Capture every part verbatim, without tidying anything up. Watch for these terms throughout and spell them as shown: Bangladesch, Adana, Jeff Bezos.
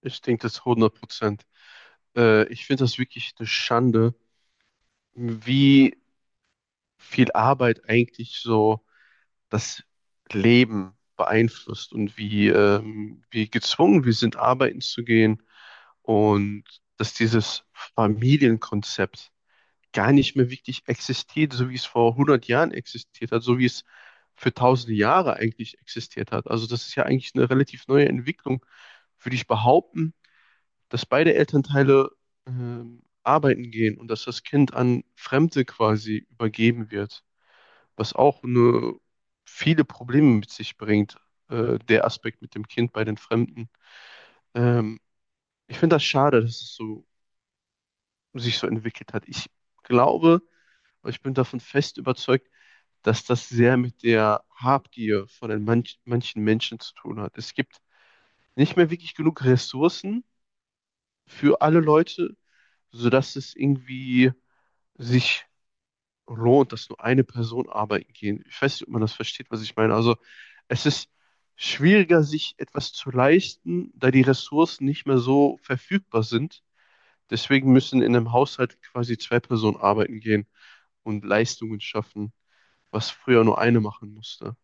Ich denke das hundert Prozent. Äh, ich finde das wirklich eine Schande, wie viel Arbeit eigentlich so das Leben beeinflusst und wie, ähm, wie gezwungen wir sind, arbeiten zu gehen und dass dieses Familienkonzept gar nicht mehr wirklich existiert, so wie es vor hundert Jahren existiert hat, so wie es für tausende Jahre eigentlich existiert hat. Also das ist ja eigentlich eine relativ neue Entwicklung, würde ich behaupten, dass beide Elternteile ähm, arbeiten gehen und dass das Kind an Fremde quasi übergeben wird, was auch eine, viele Probleme mit sich bringt, äh, der Aspekt mit dem Kind bei den Fremden. Ähm, ich finde das schade, dass es so, sich so entwickelt hat. Ich glaube, ich bin davon fest überzeugt, dass das sehr mit der Habgier von den manch, manchen Menschen zu tun hat. Es gibt nicht mehr wirklich genug Ressourcen für alle Leute, sodass es irgendwie sich lohnt, dass nur eine Person arbeiten gehen. Ich weiß nicht, ob man das versteht, was ich meine. Also es ist schwieriger, sich etwas zu leisten, da die Ressourcen nicht mehr so verfügbar sind. Deswegen müssen in einem Haushalt quasi zwei Personen arbeiten gehen und Leistungen schaffen, was früher nur eine machen musste.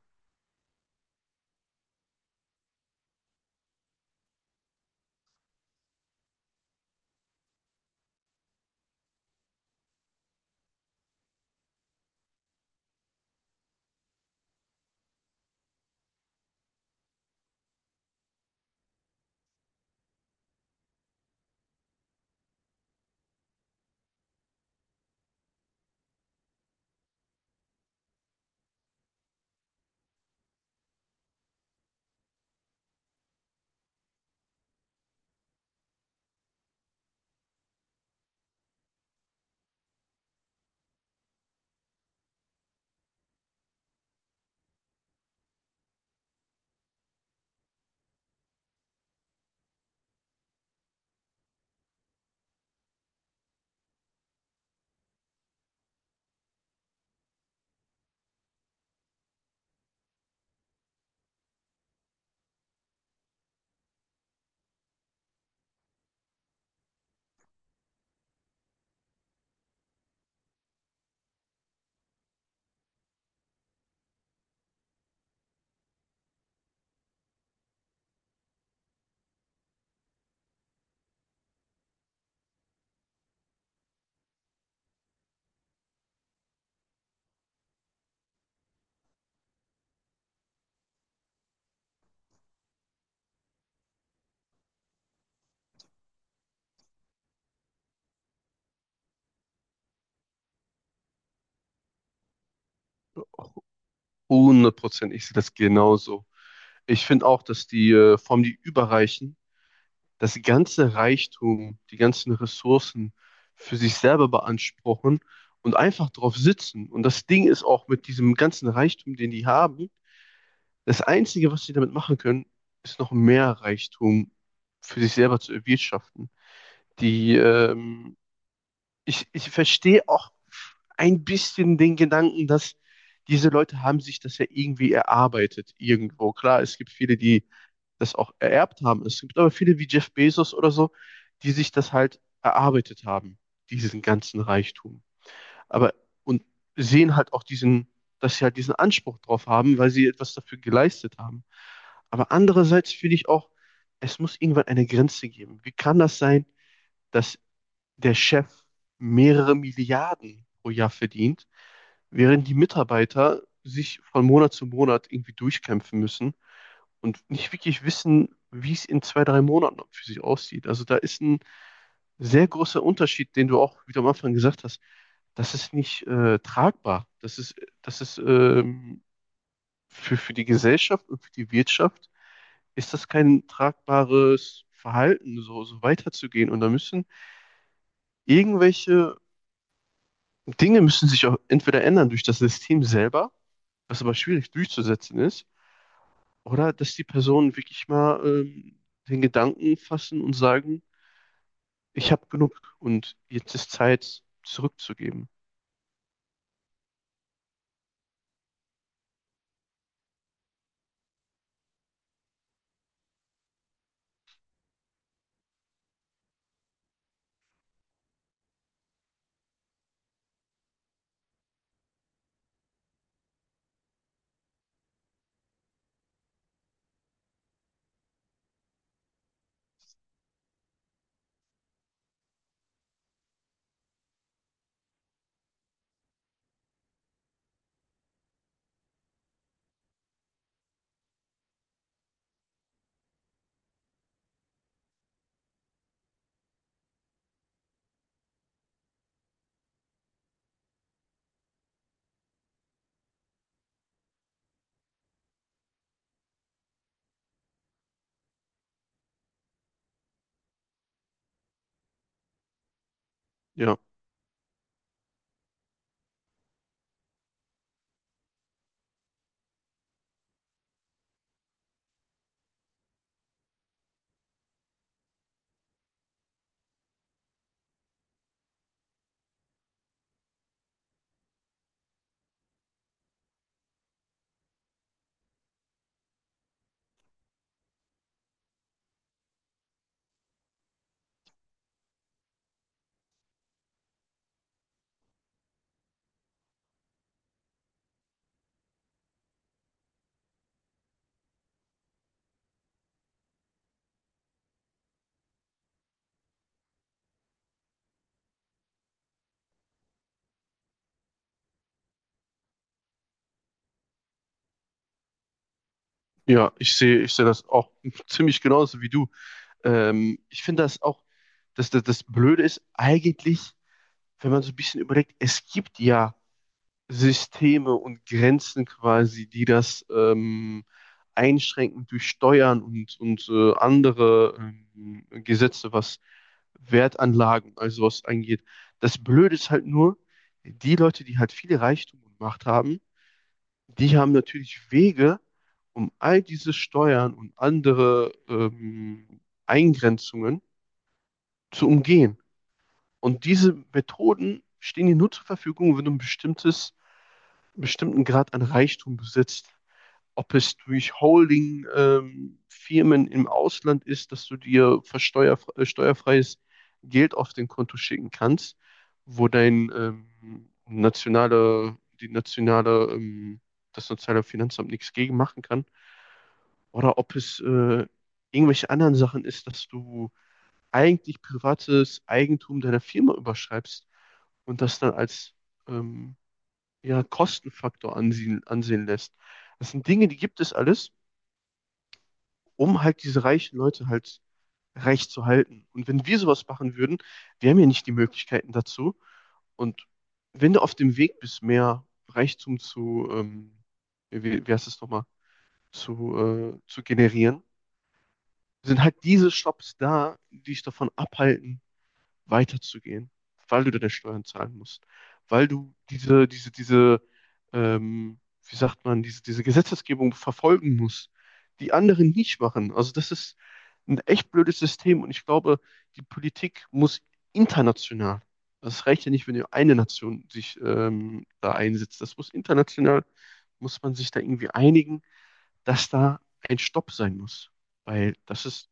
Hundert Prozent, ich sehe das genauso. Ich finde auch, dass die äh, vor allem die Überreichen das ganze Reichtum, die ganzen Ressourcen für sich selber beanspruchen und einfach drauf sitzen. Und das Ding ist auch mit diesem ganzen Reichtum, den die haben, das Einzige, was sie damit machen können, ist noch mehr Reichtum für sich selber zu erwirtschaften. Die, ähm, ich, ich verstehe auch ein bisschen den Gedanken, dass diese Leute haben sich das ja irgendwie erarbeitet irgendwo. Klar, es gibt viele, die das auch ererbt haben. Es gibt aber viele wie Jeff Bezos oder so, die sich das halt erarbeitet haben, diesen ganzen Reichtum. Aber und sehen halt auch diesen, dass sie halt diesen Anspruch drauf haben, weil sie etwas dafür geleistet haben. Aber andererseits finde ich auch, es muss irgendwann eine Grenze geben. Wie kann das sein, dass der Chef mehrere Milliarden pro Jahr verdient, während die Mitarbeiter sich von Monat zu Monat irgendwie durchkämpfen müssen und nicht wirklich wissen, wie es in zwei, drei Monaten für sich aussieht. Also da ist ein sehr großer Unterschied, den du auch, wie du am Anfang gesagt hast, das ist nicht äh, tragbar. Das ist, das ist ähm, für, für die Gesellschaft und für die Wirtschaft ist das kein tragbares Verhalten, so, so weiterzugehen. Und da müssen irgendwelche Dinge müssen sich auch entweder ändern durch das System selber, was aber schwierig durchzusetzen ist, oder dass die Personen wirklich mal ähm, den Gedanken fassen und sagen, ich habe genug und jetzt ist Zeit zurückzugeben. Ja, ja, ich sehe, ich sehe das auch ziemlich genauso wie du. Ähm, ich finde das auch, dass das, das Blöde ist eigentlich, wenn man so ein bisschen überlegt, es gibt ja Systeme und Grenzen quasi, die das ähm, einschränken durch Steuern und, und äh, andere ähm, Gesetze, was Wertanlagen, also was angeht. Das Blöde ist halt nur, die Leute, die halt viel Reichtum und Macht haben, die haben natürlich Wege, um all diese Steuern und andere ähm, Eingrenzungen zu umgehen. Und diese Methoden stehen dir nur zur Verfügung, wenn du ein bestimmtes, einen bestimmten Grad an Reichtum besitzt. Ob es durch Holding-Firmen ähm, im Ausland ist, dass du dir für äh, steuerfreies Geld auf dein Konto schicken kannst, wo dein ähm, nationale, die nationale, ähm, das nationale Finanzamt nichts gegen machen kann oder ob es äh, irgendwelche anderen Sachen ist, dass du eigentlich privates Eigentum deiner Firma überschreibst und das dann als ähm, ja, Kostenfaktor ansehen, ansehen lässt. Das sind Dinge, die gibt es alles, um halt diese reichen Leute halt reich zu halten. Und wenn wir sowas machen würden, wir haben ja nicht die Möglichkeiten dazu. Und wenn du auf dem Weg bist, mehr Reichtum zu, ähm, wie, wie heißt es nochmal, zu, äh, zu generieren, sind halt diese Shops da, die dich davon abhalten, weiterzugehen, weil du deine Steuern zahlen musst, weil du diese, diese, diese, ähm, wie sagt man, diese, diese Gesetzesgebung verfolgen musst, die anderen nicht machen. Also das ist ein echt blödes System und ich glaube, die Politik muss international, das reicht ja nicht, wenn nur eine Nation sich ähm, da einsetzt, das muss international, muss man sich da irgendwie einigen, dass da ein Stopp sein muss, weil das ist